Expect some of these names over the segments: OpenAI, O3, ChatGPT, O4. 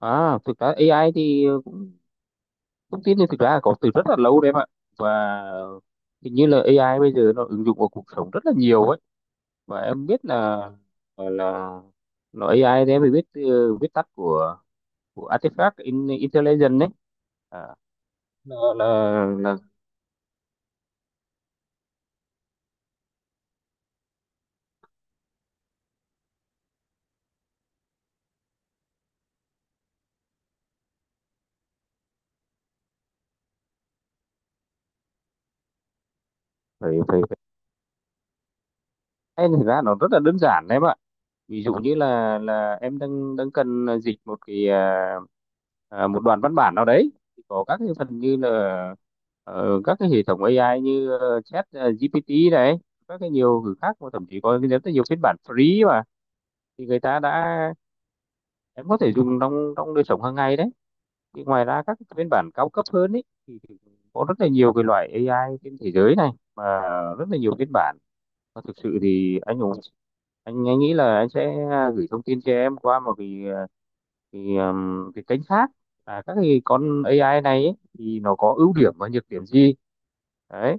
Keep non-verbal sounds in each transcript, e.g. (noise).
À, thực ra AI thì thông tin thì thực ra là có từ rất là lâu đấy em ạ và hình như là AI bây giờ nó ứng dụng vào cuộc sống rất là nhiều ấy và em biết là là nó AI thì em phải biết từ viết tắt của Artifact in, Intelligence đấy à, là phải phải phải thực ra nó rất là đơn giản đấy em ạ, ví dụ như là em đang đang cần dịch một cái một đoạn văn bản nào đấy thì có các cái phần như là các cái hệ thống AI như chat GPT này, các cái nhiều thứ khác mà thậm chí có rất là nhiều phiên bản free mà thì người ta đã em có thể dùng trong trong đời sống hàng ngày đấy. Thì ngoài ra các cái phiên bản cao cấp hơn ấy thì có rất là nhiều cái loại AI trên thế giới này mà rất là nhiều phiên bản, và thực sự thì anh Hùng anh nghĩ là anh sẽ gửi thông tin cho em qua một cái cái kênh khác à, các cái con AI này ấy, thì nó có ưu điểm và nhược điểm gì đấy.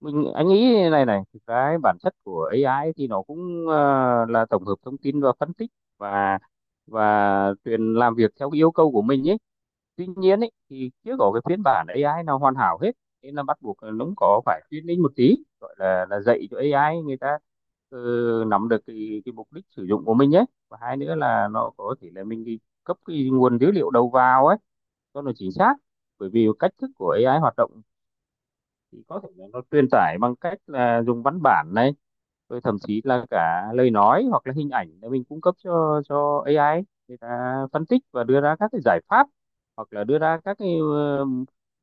Mình anh nghĩ này này thực ra ấy, bản chất của AI ấy thì nó cũng là tổng hợp thông tin và phân tích, và và truyền làm việc theo cái yêu cầu của mình ấy. Tuy nhiên ấy, thì chưa có cái phiên bản AI nào hoàn hảo hết, nên là bắt buộc là nó cũng có phải training một tí, gọi là dạy cho AI. Người ta ờ, nắm được cái mục đích sử dụng của mình nhé, và hai nữa là nó có thể là mình đi cấp cái nguồn dữ liệu đầu vào ấy cho nó chính xác, bởi vì cách thức của AI hoạt động thì có thể là nó truyền tải bằng cách là dùng văn bản này, rồi thậm chí là cả lời nói hoặc là hình ảnh để mình cung cấp cho AI ấy. Người ta phân tích và đưa ra các cái giải pháp, hoặc là đưa ra các cái ờ,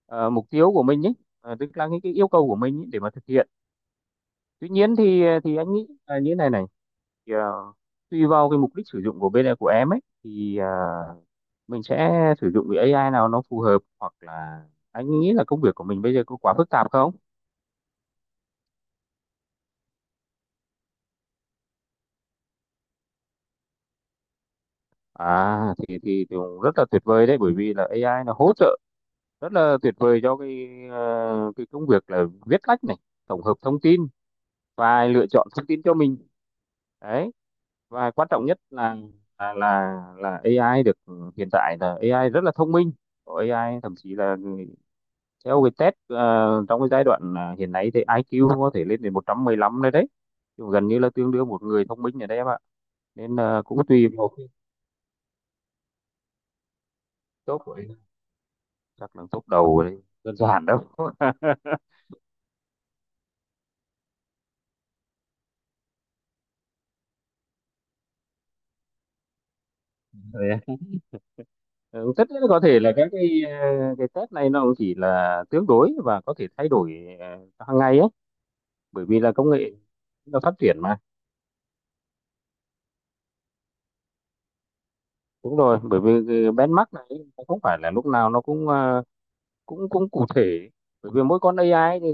mục tiêu của mình ấy. Ờ, tức là những cái yêu cầu của mình ấy để mà thực hiện. Tuy nhiên thì anh nghĩ là như thế này này, thì tùy vào cái mục đích sử dụng của bên của em ấy thì mình sẽ sử dụng cái AI nào nó phù hợp, hoặc là anh nghĩ là công việc của mình bây giờ có quá phức tạp không? À thì cũng rất là tuyệt vời đấy, bởi vì là AI nó hỗ trợ rất là tuyệt vời cho cái cái công việc là viết lách này, tổng hợp thông tin và lựa chọn thông tin cho mình đấy. Và quan trọng nhất là AI được ừ, hiện tại là AI rất là thông minh, có AI thậm chí là theo cái test trong cái giai đoạn hiện nay thì AI IQ có thể lên đến 115 đấy đấy, chứ gần như là tương đương một người thông minh ở đấy em ạ. Nên là cũng tùy vào cái top của em, chắc là top đầu đấy, đơn giản đâu. (laughs) Ừ, tất nhiên có thể là các cái cái test này nó cũng chỉ là tương đối và có thể thay đổi hàng ngày ấy, bởi vì là công nghệ nó phát triển mà. Đúng rồi, bởi vì cái benchmark này nó không phải là lúc nào nó cũng cũng cũng cụ thể, bởi vì mỗi con AI thì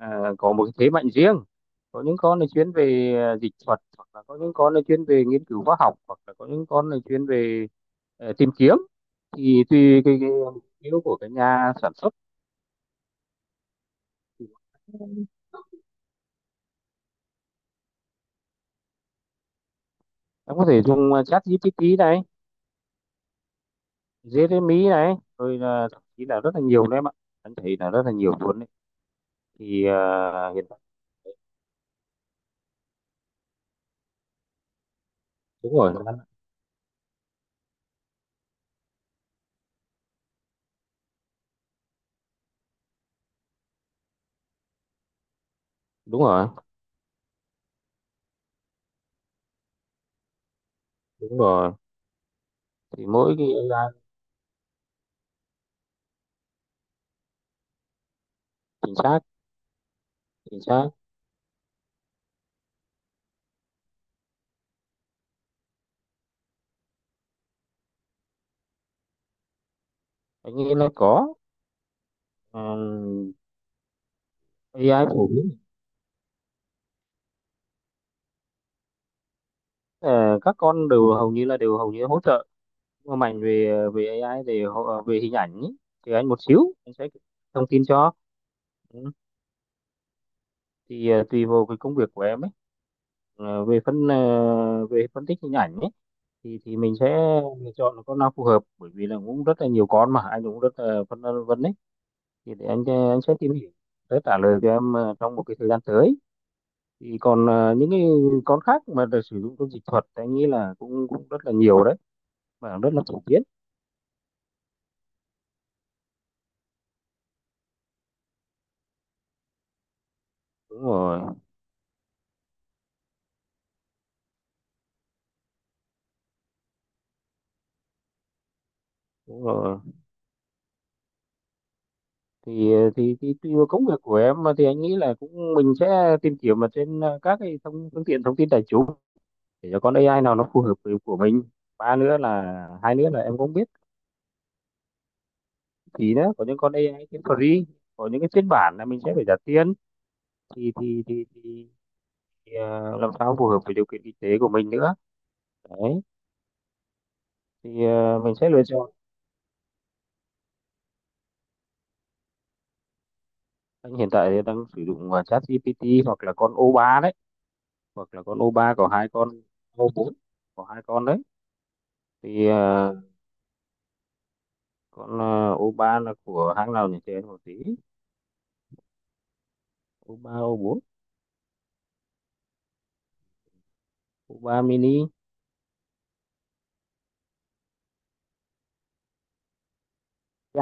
có một cái thế mạnh riêng. Có những con là chuyên về dịch thuật, hoặc là có những con là chuyên về nghiên cứu khoa học, hoặc là có những con là chuyên về tìm kiếm, thì tùy cái mục tiêu của cái nhà sản xuất. Thì em có thể dùng chat GPT này, Jeremy này, rồi là thậm chí là rất là nhiều đấy em ạ, anh thấy là rất là nhiều luôn đấy. Thì hiện tại đúng rồi, đúng rồi, đúng rồi, thì mỗi cái AI chính xác, chính xác. Anh nghĩ là có. Ừm, AI phổ biến. Ờ, các con đều hầu như là đều hầu như hỗ trợ, nhưng mà mạnh về về AI về về hình ảnh ý, thì anh một xíu anh sẽ thông tin cho. Ừ. Thì tùy vào cái công việc của em ấy. Ờ, về phân về phân tích hình ảnh ấy thì mình sẽ lựa chọn con nào phù hợp, bởi vì là cũng rất là nhiều con mà anh cũng rất là phân vân đấy, thì để anh anh sẽ tìm hiểu để trả lời cho em trong một cái thời gian tới. Thì còn những cái con khác mà được sử dụng trong dịch thuật anh nghĩ là cũng cũng rất là nhiều đấy và rất là phổ biến. Đúng rồi, đúng rồi, thì thì tùy vào công việc của em mà thì anh nghĩ là cũng mình sẽ tìm kiếm mà trên các cái thông phương tiện thông tin đại chúng để cho con AI nào nó phù hợp với của mình. Ba nữa là hai nữa là em cũng biết thì nữa có những con AI cái free, có những cái phiên bản là mình sẽ phải trả tiền, thì thì thì, thì, thì làm sao phù hợp với điều kiện kinh tế của mình nữa đấy, thì mình sẽ lựa chọn. Anh hiện tại thì đang sử dụng ChatGPT hoặc là con O3 đấy, hoặc là con O3 có hai con O4, có hai con đấy. Thì con O3 là của hãng nào nhỉ chị em một tí. O3, O4, O3 mini,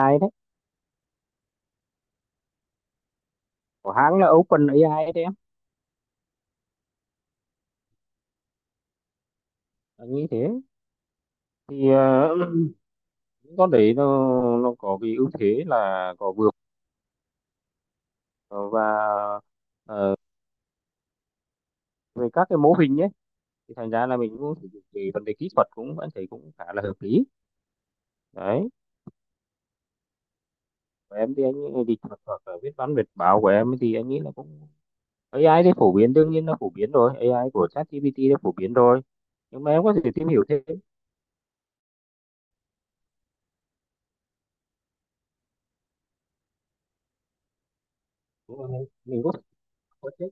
AI đấy của hãng là OpenAI đấy, anh nghĩ thế. Thì những con đấy nó có cái ưu thế là có vượt ờ, và ờ, về các cái mô hình nhé, thì thành ra là mình cũng sử dụng cái vấn đề kỹ thuật cũng anh thấy cũng khá là hợp lý đấy. Và em thì anh nghĩ thì thuật hoặc là viết văn viết báo của em thì anh nghĩ là cũng AI thì phổ biến, đương nhiên nó phổ biến rồi, AI của ChatGPT nó phổ biến rồi, nhưng mà em có thể tìm hiểu thêm. Đúng rồi, mình có thể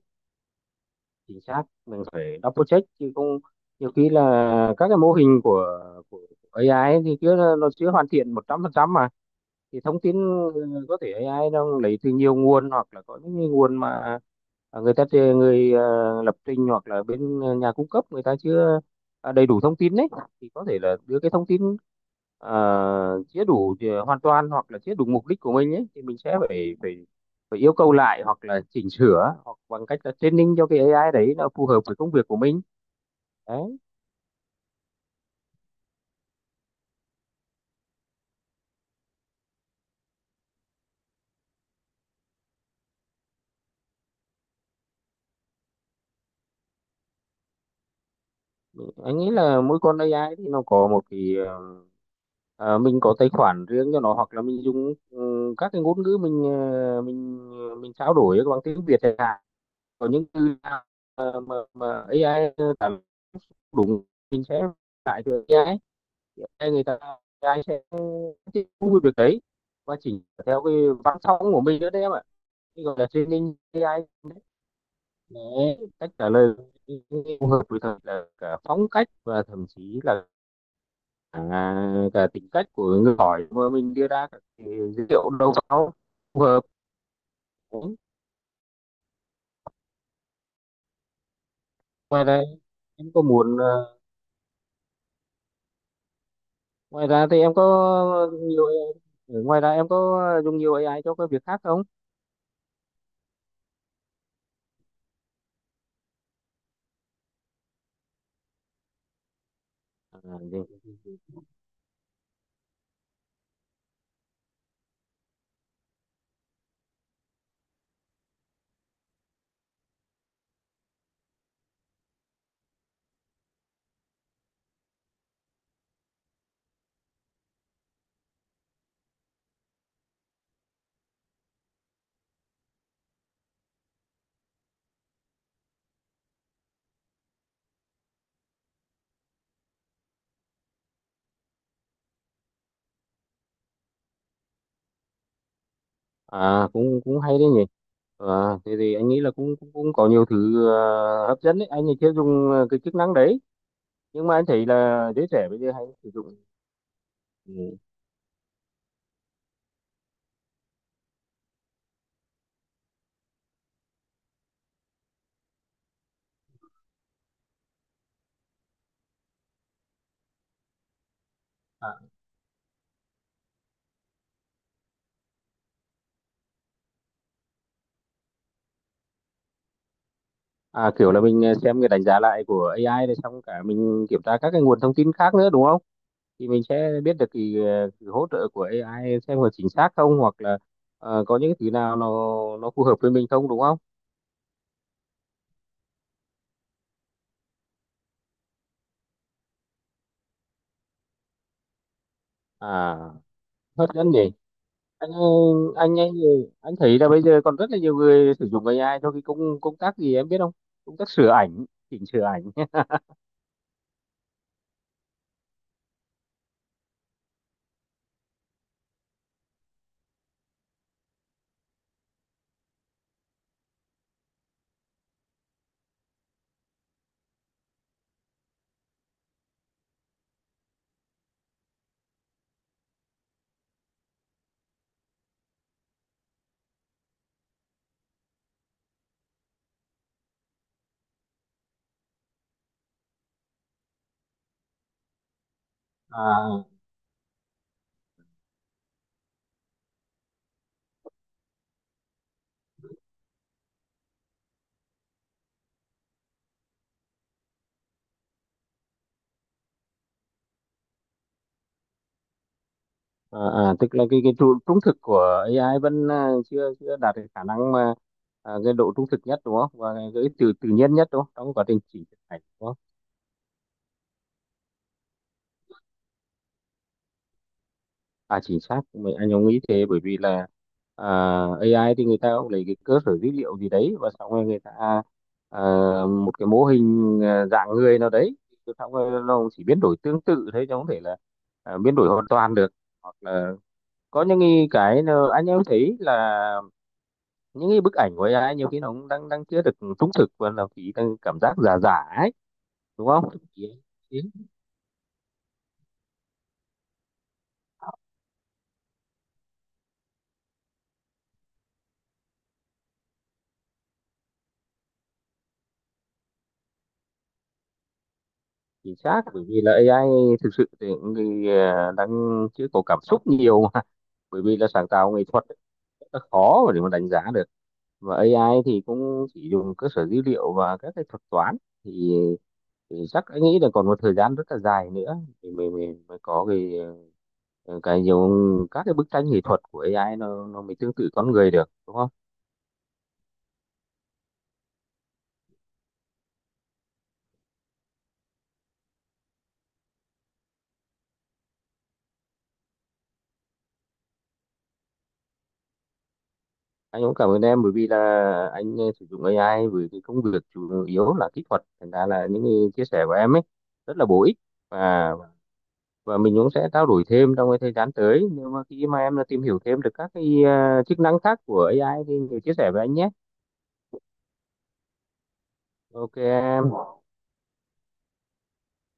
chính xác, mình phải double check chứ không, nhiều khi là các cái mô hình của của A AI kia nó chưa hoàn thiện 100% mà. Thì thông tin ừ, có thể AI nó lấy từ nhiều nguồn, hoặc là có những cái nguồn mà à, người ta người lập trình hoặc là bên nhà cung cấp người ta chưa à, đầy đủ thông tin đấy, thì có thể là đưa cái thông tin chưa đủ thì hoàn toàn hoặc là chưa đủ mục đích của mình ấy, thì mình sẽ phải phải phải yêu cầu lại hoặc là chỉnh sửa hoặc bằng cách là training cho cái AI đấy nó phù hợp với công việc của mình đấy. Anh nghĩ là mỗi con AI thì nó có một cái mình có tài khoản riêng cho nó, hoặc là mình dùng ừ, các cái ngôn ngữ mình mình trao đổi bằng tiếng Việt chẳng hạn, có những từ nào mà AI cảm đúng mình sẽ lại cho AI, AI người ta AI sẽ tiếp thu được đấy, và chỉnh theo cái văn phong của mình nữa đấy em ạ, chứ còn là training AI đấy, để cách trả lời phù hợp với thật là cả phong cách và thậm chí là à, cả tính cách của người hỏi mà mình đưa ra các cái dữ liệu đầu vào phù hợp. Đúng. Ngoài ra em có muốn ngoài ra thì em có nhiều AI, ngoài ra em có dùng nhiều AI cho cái việc khác không à, thì- à cũng cũng hay đấy nhỉ, à, thế thì anh nghĩ là cũng cũng, cũng có nhiều thứ hấp dẫn đấy, anh thì chưa dùng cái chức năng đấy nhưng mà anh thấy là giới trẻ bây giờ hay sử dụng. Ừ. À, à, kiểu là mình xem cái đánh giá lại của AI rồi xong cả mình kiểm tra các cái nguồn thông tin khác nữa đúng không? Thì mình sẽ biết được cái hỗ trợ của AI xem có chính xác không, hoặc là có những cái thứ nào nó phù hợp với mình không đúng không? À, hấp dẫn nhỉ. Anh anh ấy, anh thấy là bây giờ còn rất là nhiều người sử dụng AI cho cái công công tác gì em biết không? Công tác sửa ảnh, chỉnh sửa ảnh. (laughs) À, à, à, tức là cái trung thực của AI vẫn à, chưa chưa đạt được khả năng mà à, cái độ trung thực nhất đúng không, và cái tự tự nhiên nhất đúng không, trong quá trình chỉnh thực ảnh đúng không. À chính xác mình anh cũng nghĩ thế bởi vì là à, AI thì người ta cũng lấy cái cơ sở dữ liệu gì đấy và xong rồi người ta à, một cái mô hình à, dạng người nào đấy, rồi xong rồi nó cũng chỉ biến đổi tương tự thế chứ không thể là à, biến đổi hoàn toàn được. Hoặc là có những cái nó- anh em thấy là những cái bức ảnh của AI nhiều khi nó cũng đang đang chưa được trung thực và nó chỉ đang cảm giác giả giả ấy. Đúng không chỉ chính chính xác bởi vì là AI thực sự thì cũng thì, đang chưa có cảm xúc nhiều mà, bởi vì là sáng tạo nghệ thuật ấy, rất là khó mà để mà đánh giá được, và AI thì cũng chỉ dùng cơ sở dữ liệu và các cái thuật toán, thì, thì chắc anh nghĩ là còn một thời gian rất là dài nữa thì mình mới có cái cái nhiều các cái bức tranh nghệ thuật của AI nó mới tương tự con người được đúng không. Anh cũng cảm ơn em bởi vì là anh sử dụng AI với cái công việc chủ yếu là kỹ thuật, thành ra là những cái chia sẻ của em ấy rất là bổ ích, và mình cũng sẽ trao đổi thêm trong cái thời gian tới nếu mà khi mà em đã tìm hiểu thêm được các cái chức năng khác của AI thì mình chia sẻ với anh nhé ok